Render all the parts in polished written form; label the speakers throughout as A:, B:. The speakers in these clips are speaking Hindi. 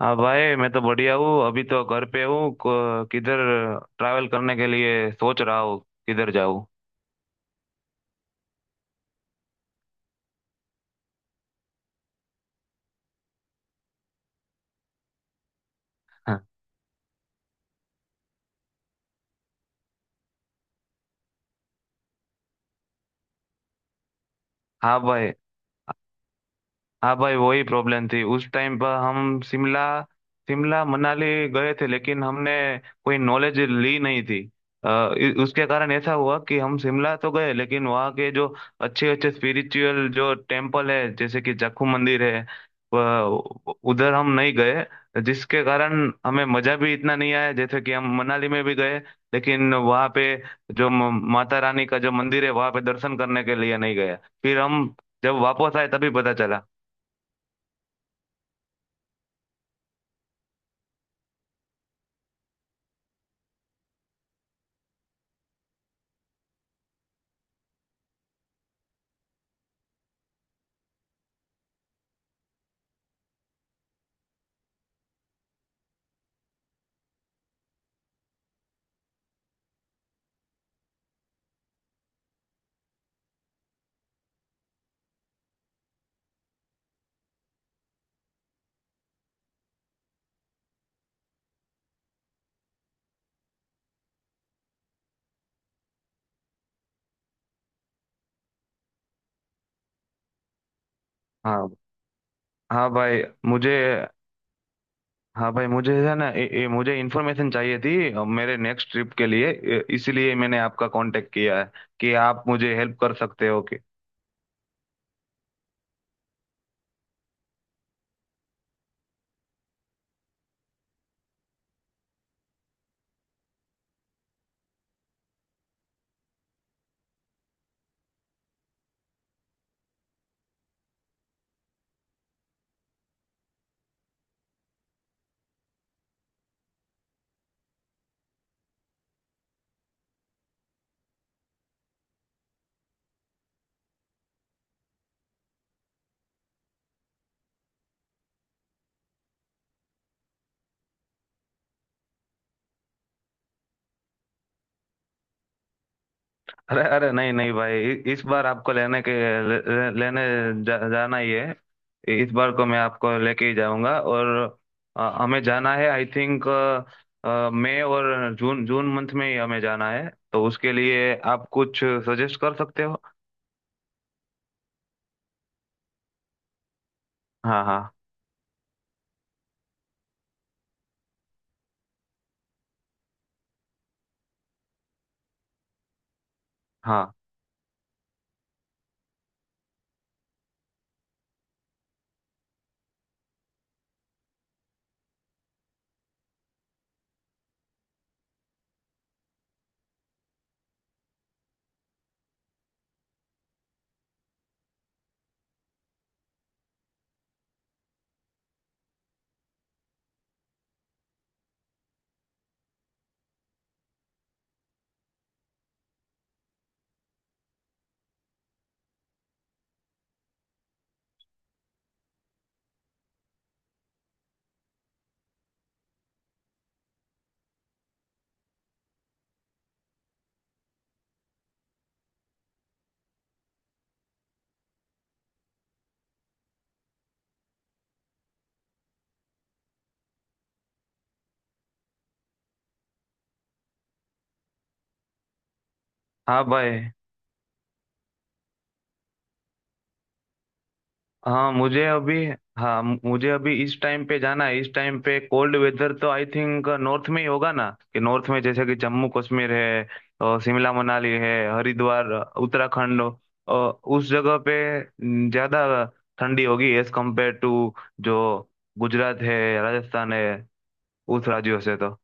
A: हाँ भाई। मैं तो बढ़िया हूँ। अभी तो घर पे हूँ। किधर ट्रैवल करने के लिए सोच रहा हूँ। किधर जाऊँ? हाँ भाई। हाँ भाई वही प्रॉब्लम थी उस टाइम पर। हम शिमला शिमला मनाली गए थे, लेकिन हमने कोई नॉलेज ली नहीं थी। उसके कारण ऐसा हुआ कि हम शिमला तो गए, लेकिन वहाँ के जो अच्छे अच्छे स्पिरिचुअल जो टेम्पल है, जैसे कि जाखू मंदिर है, उधर हम नहीं गए। जिसके कारण हमें मजा भी इतना नहीं आया। जैसे कि हम मनाली में भी गए, लेकिन वहाँ पे जो माता रानी का जो मंदिर है, वहाँ पे दर्शन करने के लिए नहीं गए। फिर हम जब वापस आए तभी पता चला। हाँ। हाँ भाई मुझे हाँ भाई, मुझे है ना, ए, ए, मुझे इन्फॉर्मेशन चाहिए थी, मेरे नेक्स्ट ट्रिप के लिए, इसीलिए मैंने आपका कांटेक्ट किया है कि आप मुझे हेल्प कर सकते हो कि। अरे, अरे, नहीं, नहीं भाई, इस बार आपको लेने के ले, ले- लेने जाना ही है। इस बार को मैं आपको लेके ही जाऊंगा। और हमें जाना है, आई थिंक मई और जून जून मंथ में ही हमें जाना है, तो उसके लिए आप कुछ सजेस्ट कर सकते हो। हाँ, हाँ, हाँ, हाँ भाई। हाँ मुझे अभी हाँ, मुझे अभी इस टाइम पे जाना है। इस टाइम पे कोल्ड वेदर तो आई थिंक नॉर्थ में ही होगा ना, कि नॉर्थ में जैसे कि जम्मू कश्मीर है और शिमला मनाली है, हरिद्वार, उत्तराखंड। और उस जगह पे ज्यादा ठंडी होगी एज कम्पेयर टू जो गुजरात है, राजस्थान है, उस राज्यों से तो।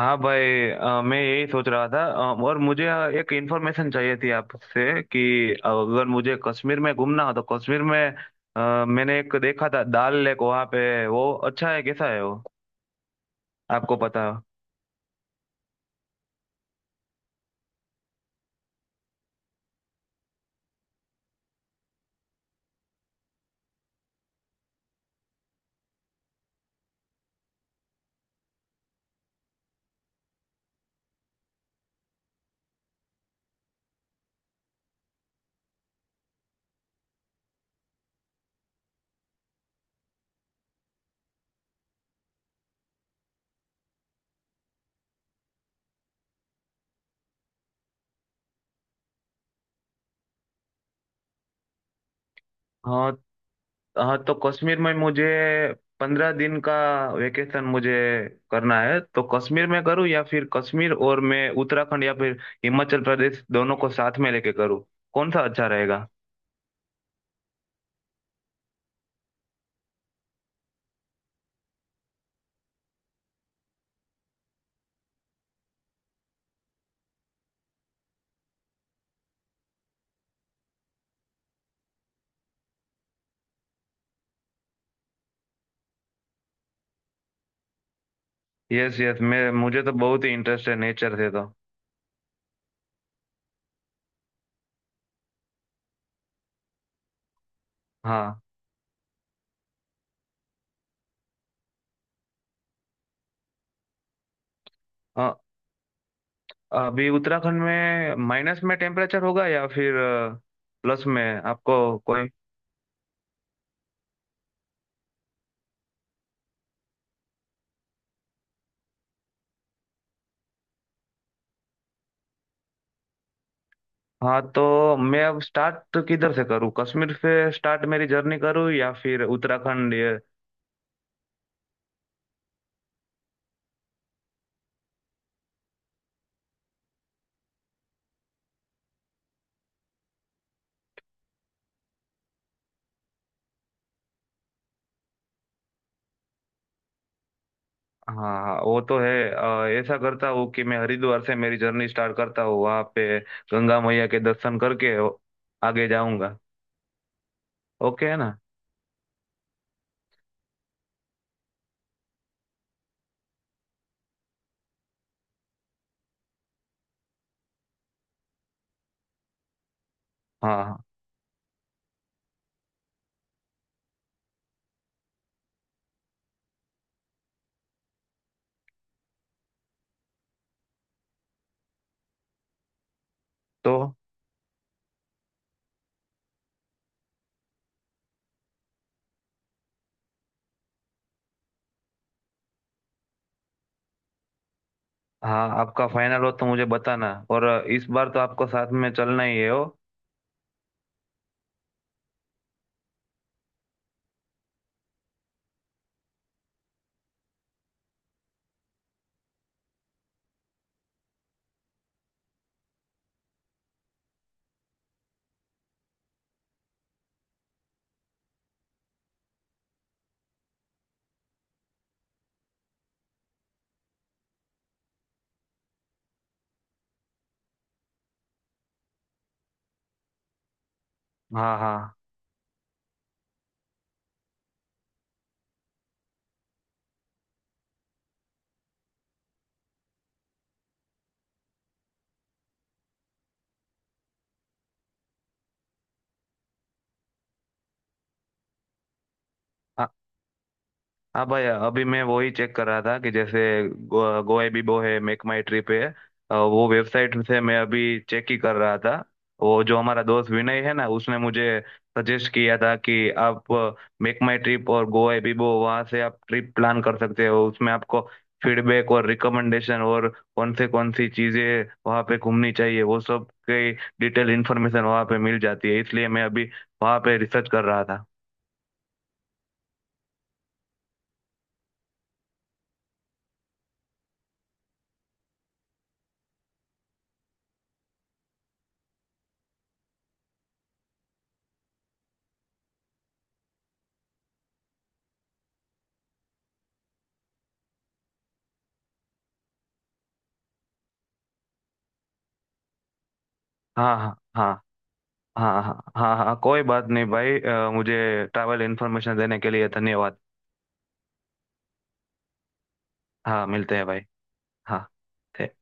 A: हाँ भाई, मैं यही सोच रहा था। और मुझे एक इंफॉर्मेशन चाहिए थी आपसे कि अगर मुझे कश्मीर में घूमना हो तो कश्मीर में, मैंने एक देखा था दाल लेक। वहाँ पे वो अच्छा है? कैसा है वो? आपको पता है? हाँ। हाँ, तो कश्मीर में मुझे 15 दिन का वेकेशन मुझे करना है, तो कश्मीर में करूँ या फिर कश्मीर और मैं उत्तराखंड या फिर हिमाचल प्रदेश दोनों को साथ में लेके करूँ? कौन सा अच्छा रहेगा? यस, यस, मैं मुझे तो बहुत ही इंटरेस्ट है नेचर से तो। हाँ। अ- अभी उत्तराखंड में माइनस में टेम्परेचर होगा या फिर प्लस में? आपको कोई। हाँ, तो मैं अब स्टार्ट किधर से करूँ? कश्मीर से स्टार्ट मेरी जर्नी करूँ या फिर उत्तराखंड? ये। हाँ, हाँ, वो तो है। ऐसा करता हूँ कि मैं हरिद्वार से मेरी जर्नी स्टार्ट करता हूँ, वहाँ पे गंगा मैया के दर्शन करके आगे जाऊँगा। ओके, है ना? हाँ, हाँ, तो हाँ, आपका फाइनल हो तो मुझे बताना। और इस बार तो आपको साथ में चलना ही है हो। हाँ, हाँ, हाँ भाई, अभी मैं वही चेक कर रहा था कि जैसे गोवा बिबो है, मेक माई ट्रिप है। वो वेबसाइट से मैं अभी चेक ही कर रहा था। वो जो हमारा दोस्त विनय है ना, उसने मुझे सजेस्ट किया था कि आप मेक माई ट्रिप और गोवा बिबो, वहाँ से आप ट्रिप प्लान कर सकते हो। उसमें आपको फीडबैक और रिकमेंडेशन और कौन सी चीज़ें वहाँ पे घूमनी चाहिए, वो सब की डिटेल इन्फॉर्मेशन वहाँ पे मिल जाती है, इसलिए मैं अभी वहाँ पे रिसर्च कर रहा था। हाँ, हाँ, हाँ, हाँ, हाँ, हाँ, हाँ, कोई बात नहीं भाई। मुझे ट्रैवल इन्फॉर्मेशन देने के लिए धन्यवाद। हाँ, मिलते हैं भाई। हाँ।